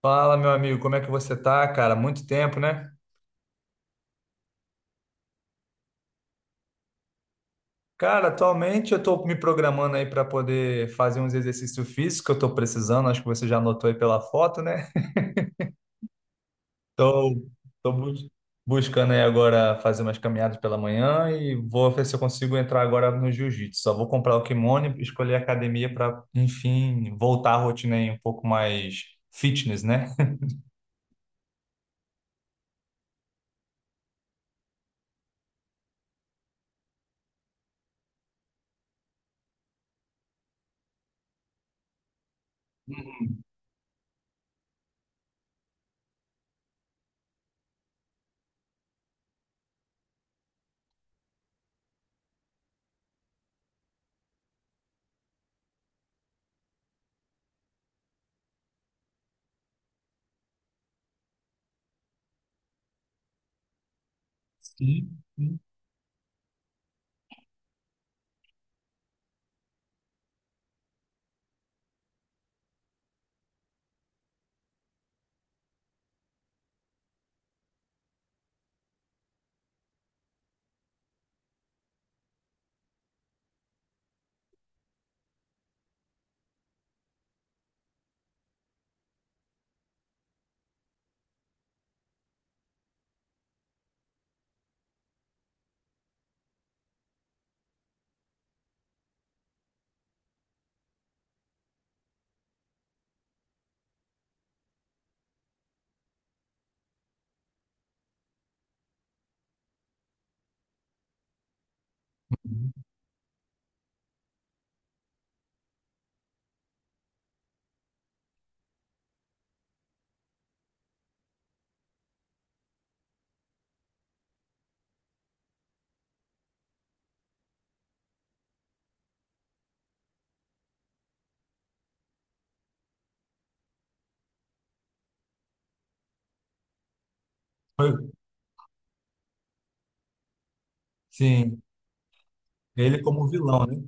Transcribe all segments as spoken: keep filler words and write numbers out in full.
Fala, meu amigo, como é que você tá, cara? Muito tempo, né? Cara, atualmente eu tô me programando aí para poder fazer uns exercícios físicos que eu tô precisando, acho que você já notou aí pela foto, né? Tô, tô bus- buscando aí agora fazer umas caminhadas pela manhã e vou ver se eu consigo entrar agora no jiu-jitsu. Só vou comprar o kimono e escolher a academia para, enfim, voltar à rotina aí um pouco mais fitness, né? Sim, sim. Foi- Sim, ele como vilão, né?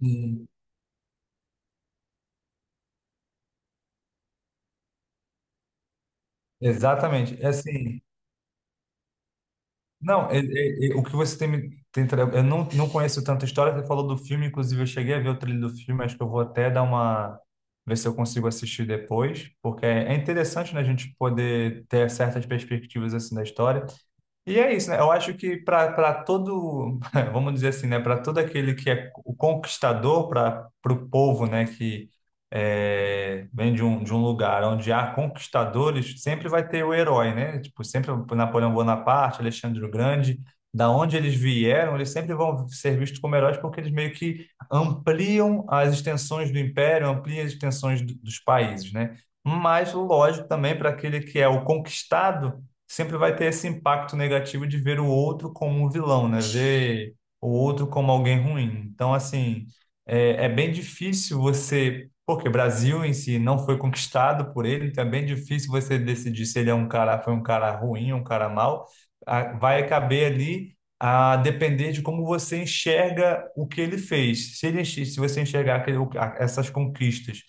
Sim. Exatamente. É assim, Não, é- é- é- o que você tem me tem tra- eu não, não conheço tanta história, você falou do filme, inclusive eu cheguei a ver o trailer do filme, acho que eu vou até dar uma, ver se eu consigo assistir depois, porque é é interessante, né, a gente poder ter certas perspectivas assim da história. E é isso, né? Eu acho que para todo, vamos dizer assim, né? Para todo aquele que é o conquistador, para o povo, né? Que é, vem de um, de um lugar onde há conquistadores, sempre vai ter o herói, né? Tipo, sempre o Napoleão Bonaparte, Alexandre o Grande, da onde eles vieram, eles sempre vão ser vistos como heróis porque eles meio que ampliam as extensões do império, ampliam as extensões do- dos países, né? Mas, lógico, também para aquele que é o conquistado sempre vai ter esse impacto negativo de ver o outro como um vilão, né? Ver o outro como alguém ruim. Então, assim, é, é bem difícil você. Porque o Brasil em si não foi conquistado por ele, então é bem difícil você decidir se ele é um cara, foi um cara ruim, um cara mau. Ah, vai caber ali a depender de como você enxerga o que ele fez. Se ele, enx- se você enxergar aquele- o- a- essas conquistas,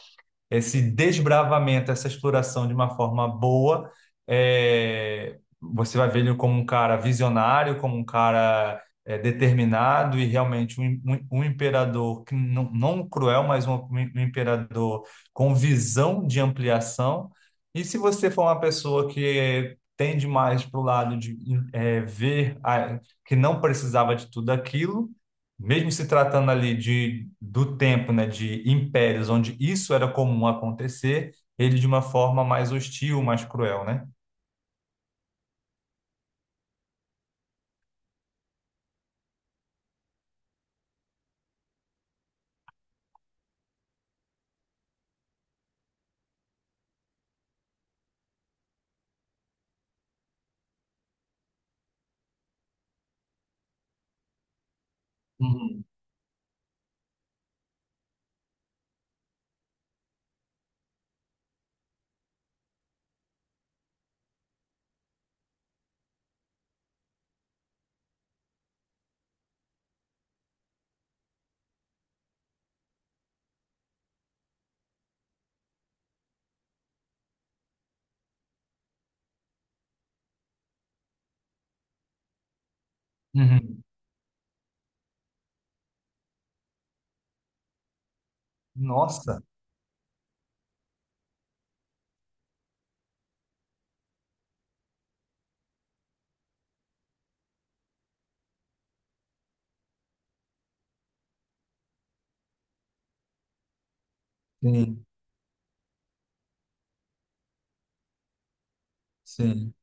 esse desbravamento, essa exploração de uma forma boa, é, você vai ver ele como um cara visionário, como um cara é, determinado e realmente um, um- um imperador que não, não cruel, mas um, um imperador com visão de ampliação. E se você for uma pessoa que tende mais para o lado de é, ver a- que não precisava de tudo aquilo, mesmo se tratando ali de, do tempo, né, de impérios, onde isso era comum acontecer, ele de uma forma mais hostil, mais cruel, né? Uhum. Uhum. Nossa. Sim, sim.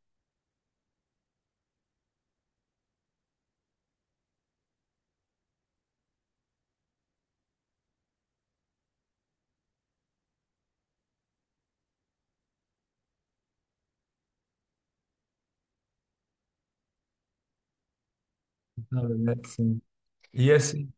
Na verdade, sim. E assim,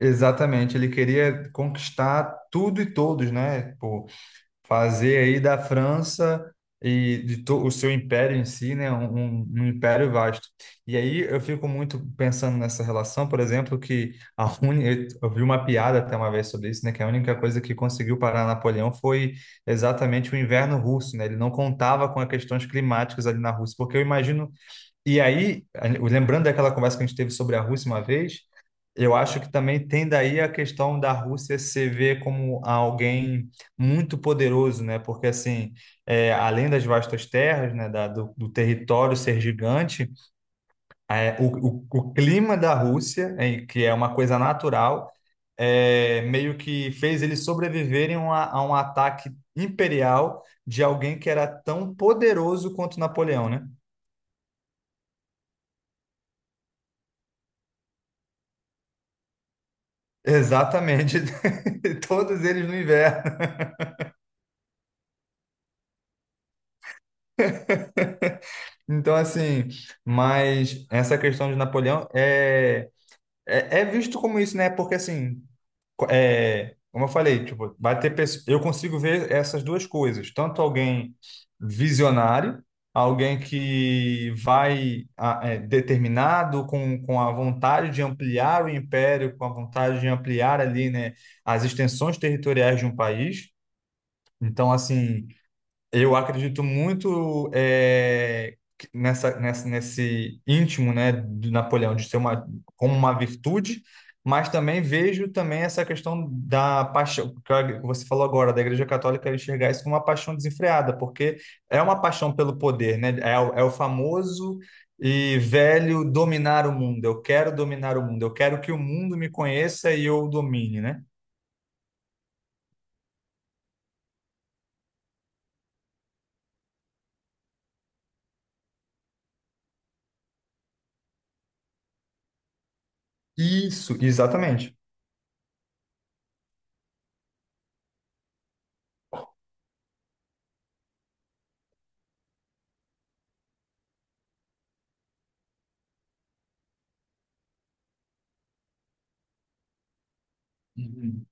exatamente, ele queria conquistar tudo e todos, né? Fazer aí da França e de to- o seu império em si, né, um, um um império vasto. E aí eu fico muito pensando nessa relação, por exemplo, que a uni, eu eu vi uma piada até uma vez sobre isso, né, que a única coisa que conseguiu parar Napoleão foi exatamente o inverno russo, né? Ele não contava com as questões climáticas ali na Rússia, porque eu imagino. E aí, a- lembrando daquela conversa que a gente teve sobre a Rússia uma vez, eu acho que também tem daí a questão da Rússia se ver como alguém muito poderoso, né? Porque, assim, é, além das vastas terras, né, da- do, do território ser gigante, é, o, o- o clima da Rússia, é, que é uma coisa natural, é, meio que fez eles sobreviverem a, uma- a um ataque imperial de alguém que era tão poderoso quanto Napoleão, né? Exatamente. Todos eles no inverno. Então, assim, mas essa questão de Napoleão é, é, é visto como isso, né? Porque, assim, co- é, como eu falei, tipo, vai ter pessoas, eu consigo ver essas duas coisas, tanto alguém visionário, alguém que vai ah, é, determinado com, com a vontade de ampliar o império, com a vontade de ampliar ali, né, as extensões territoriais de um país. Então, assim, eu acredito muito eh, que- nessa, nessa, nesse íntimo, né, de Napoleão, de ser uma, como uma virtude, mas também vejo também essa questão da paixão, que a- que você falou agora, da Igreja Católica enxergar isso como uma paixão desenfreada, porque é uma paixão pelo poder, né? É, o- é o famoso e velho dominar o mundo. Eu quero dominar o mundo, eu quero que o mundo me conheça e eu o domine, né? Isso, exatamente. Uhum.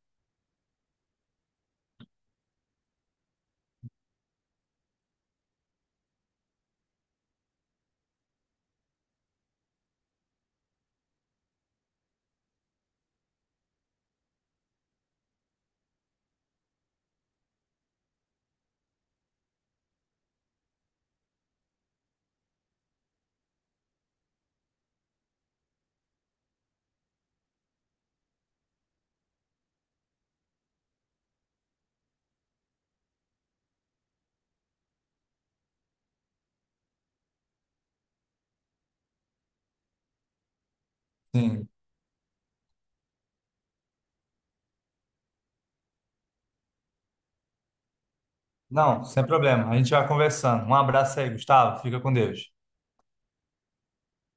Sim. Não, sem problema. A gente vai conversando. Um abraço aí, Gustavo. Fica com Deus.